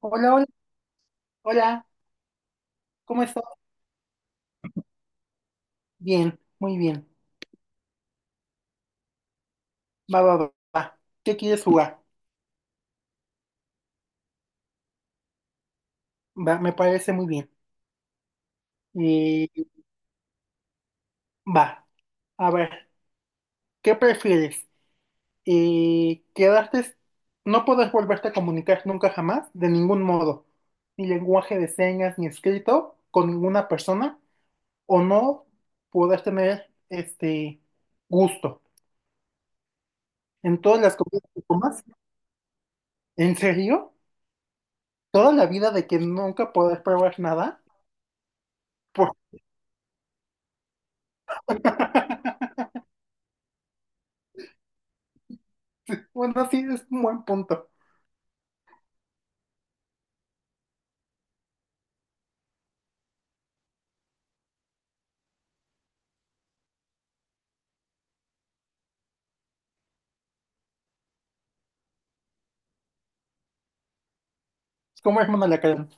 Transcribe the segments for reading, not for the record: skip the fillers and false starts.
Hola, hola, hola, ¿cómo estás? Bien, muy bien. Va, va, va, va. ¿Qué quieres jugar? Va, me parece muy bien. Eh, va, a ver, ¿qué prefieres? Quedarte, no podrás volverte a comunicar nunca jamás, de ningún modo, ni lenguaje de señas, ni escrito, con ninguna persona, o no podrás tener este gusto en todas las comidas que comas. ¿En serio? ¿Toda la vida de que nunca podrás probar nada? Bueno, sí, es un buen punto. Es como hermano la cara.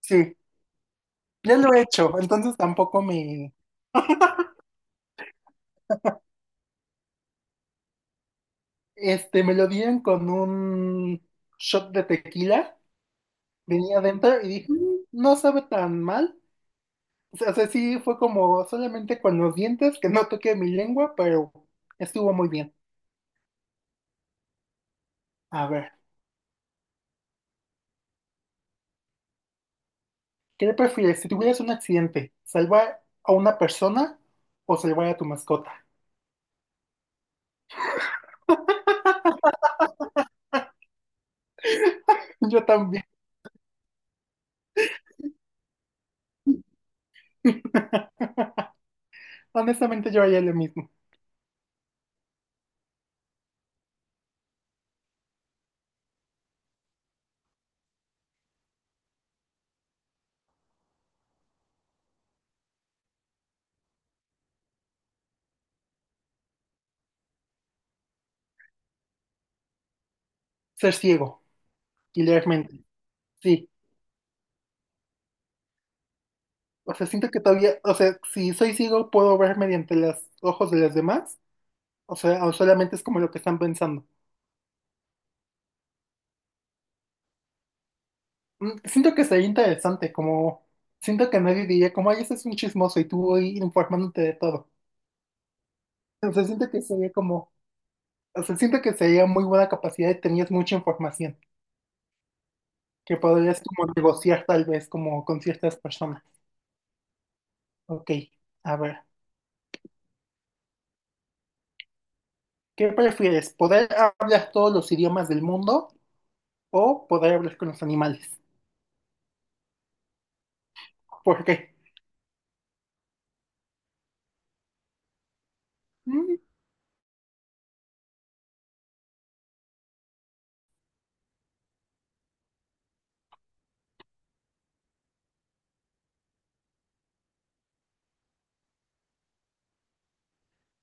Sí, ya lo he hecho, entonces tampoco me, me lo dieron con un shot de tequila, venía adentro y dije, "Mm, no sabe tan mal. O sea, sí fue como solamente con los dientes, que no toqué mi lengua, pero estuvo muy bien. A ver, ¿qué prefieres si tuvieras un accidente? ¿Salvar a una persona o salvar a tu mascota? Yo también. Honestamente, yo haría lo mismo. Ser ciego y leer mente. Sí. O sea, siento que todavía, o sea, si soy ciego puedo ver mediante los ojos de los demás. O sea, o solamente es como lo que están pensando. Siento que sería interesante, como siento que nadie diría como, ay, ese es un chismoso y tú voy informándote de todo. O sea, siento que sería como, o sea, siento que sería muy buena capacidad y tenías mucha información que podrías como negociar tal vez como con ciertas personas. Ok, a ver, ¿qué prefieres? ¿Poder hablar todos los idiomas del mundo o poder hablar con los animales? Porque mm,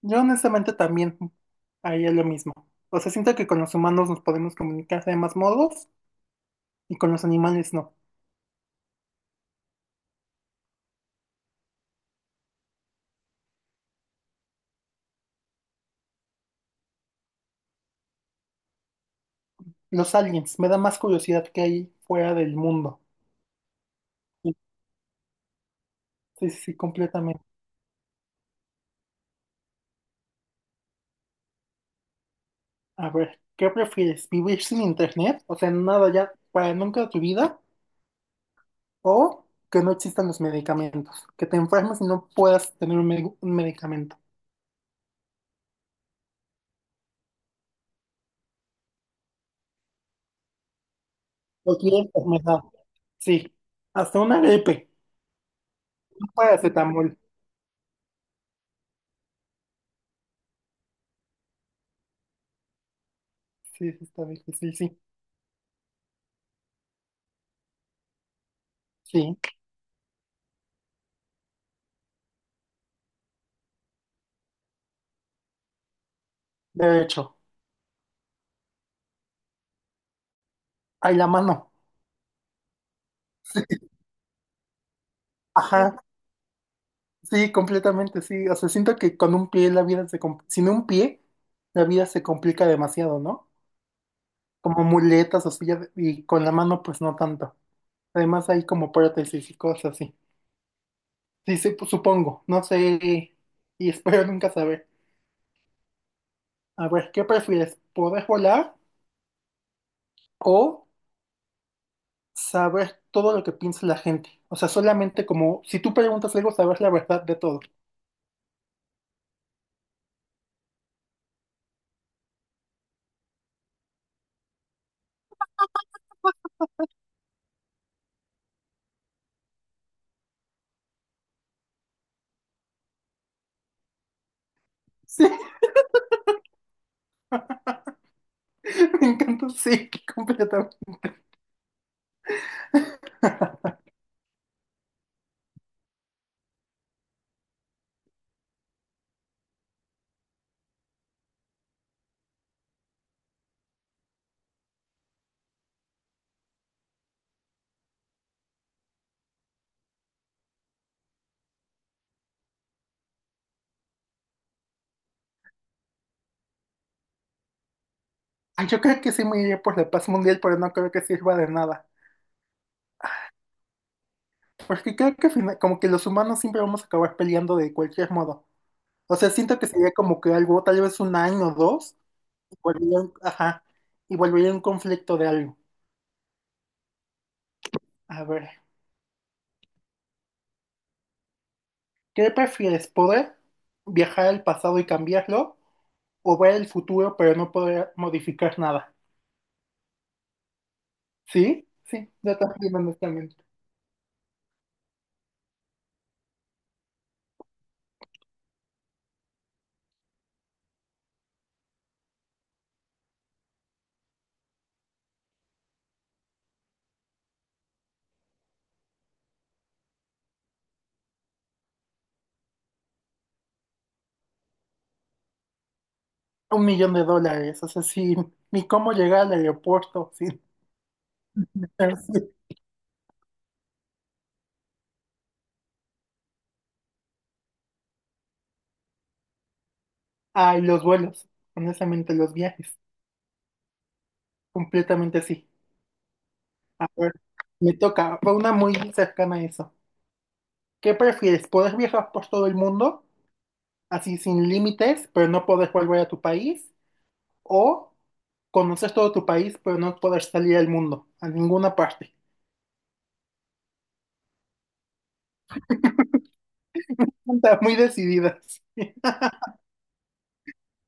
yo honestamente también haría lo mismo. O sea, siento que con los humanos nos podemos comunicar de más modos y con los animales no. Los aliens, me da más curiosidad que hay fuera del mundo. Sí, sí, sí, completamente. A ver, ¿qué prefieres? ¿Vivir sin internet? O sea, nada ya para nunca de tu vida o que no existan los medicamentos. Que te enfermes y no puedas tener un medicamento. Cualquier enfermedad. Sí, hasta una gripe. Paracetamol. Sí, sí, está bien. Sí, sí, sí. De hecho, hay la mano. Ajá. Sí, completamente, sí. O sea, siento que con un pie la vida se complica. Sin un pie, la vida se complica demasiado, ¿no? Como muletas o silla y con la mano, pues no tanto. Además, hay como prótesis y cosas así. Sí, sí, pues, supongo. No sé. Y espero nunca saber. A ver, ¿qué prefieres? ¿Poder volar o saber todo lo que piensa la gente? O sea, solamente como si tú preguntas algo, saber la verdad de todo. Sí, me encanta, sí, completamente. Ah, yo creo que sí me iría por la paz mundial, pero no creo que sirva de nada. Porque creo que al como que los humanos siempre vamos a acabar peleando de cualquier modo. O sea, siento que sería como que algo, tal vez un año o dos, y volvería ajá, y volvería un conflicto de algo. A ver, ¿qué prefieres? ¿Poder viajar al pasado y cambiarlo? ¿O ver el futuro pero no poder modificar nada? ¿Sí? Sí, yo también, honestamente. Un millón de dólares, o sea, sin ni cómo llegar al aeropuerto, sin... Ay, los vuelos, honestamente, los viajes, completamente sí. A ver, me toca, va una muy cercana a eso. ¿Qué prefieres? ¿Poder viajar por todo el mundo, así sin límites, pero no poder volver a tu país? ¿O conocer todo tu país, pero no poder salir al mundo, a ninguna parte? Está muy decidida.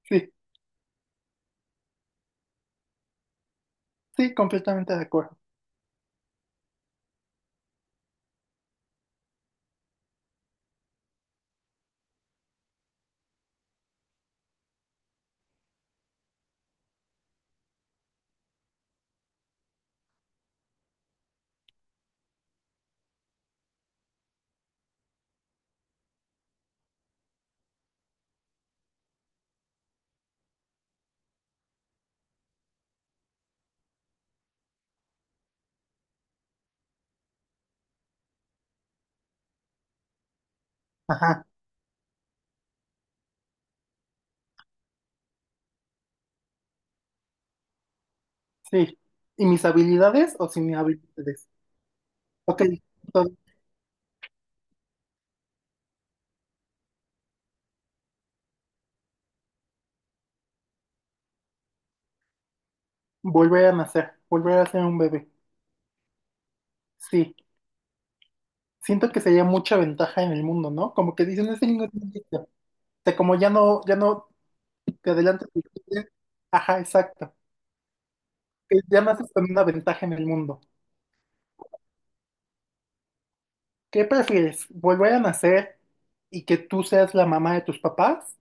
Sí, sí, sí, completamente de acuerdo. Ajá, sí. ¿Y mis habilidades o sin mis habilidades? Ok, entonces, volver a nacer, volver a ser un bebé. Sí, siento que sería mucha ventaja en el mundo, ¿no? Como que dicen, ese niño tiene o sea, como ya no, ya no te adelantas. Ajá, exacto. Que ya naces con una ventaja en el mundo. ¿Qué prefieres? ¿Volver a nacer y que tú seas la mamá de tus papás?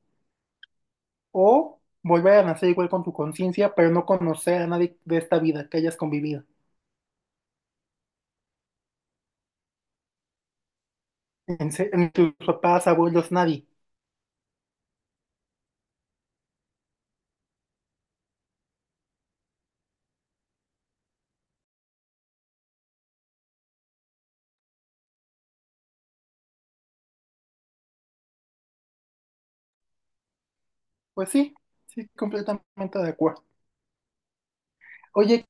¿O volver a nacer igual con tu conciencia, pero no conocer a nadie de esta vida que hayas convivido? En tus papás, abuelos, nadie. Pues sí, sí, completamente de acuerdo. Oye,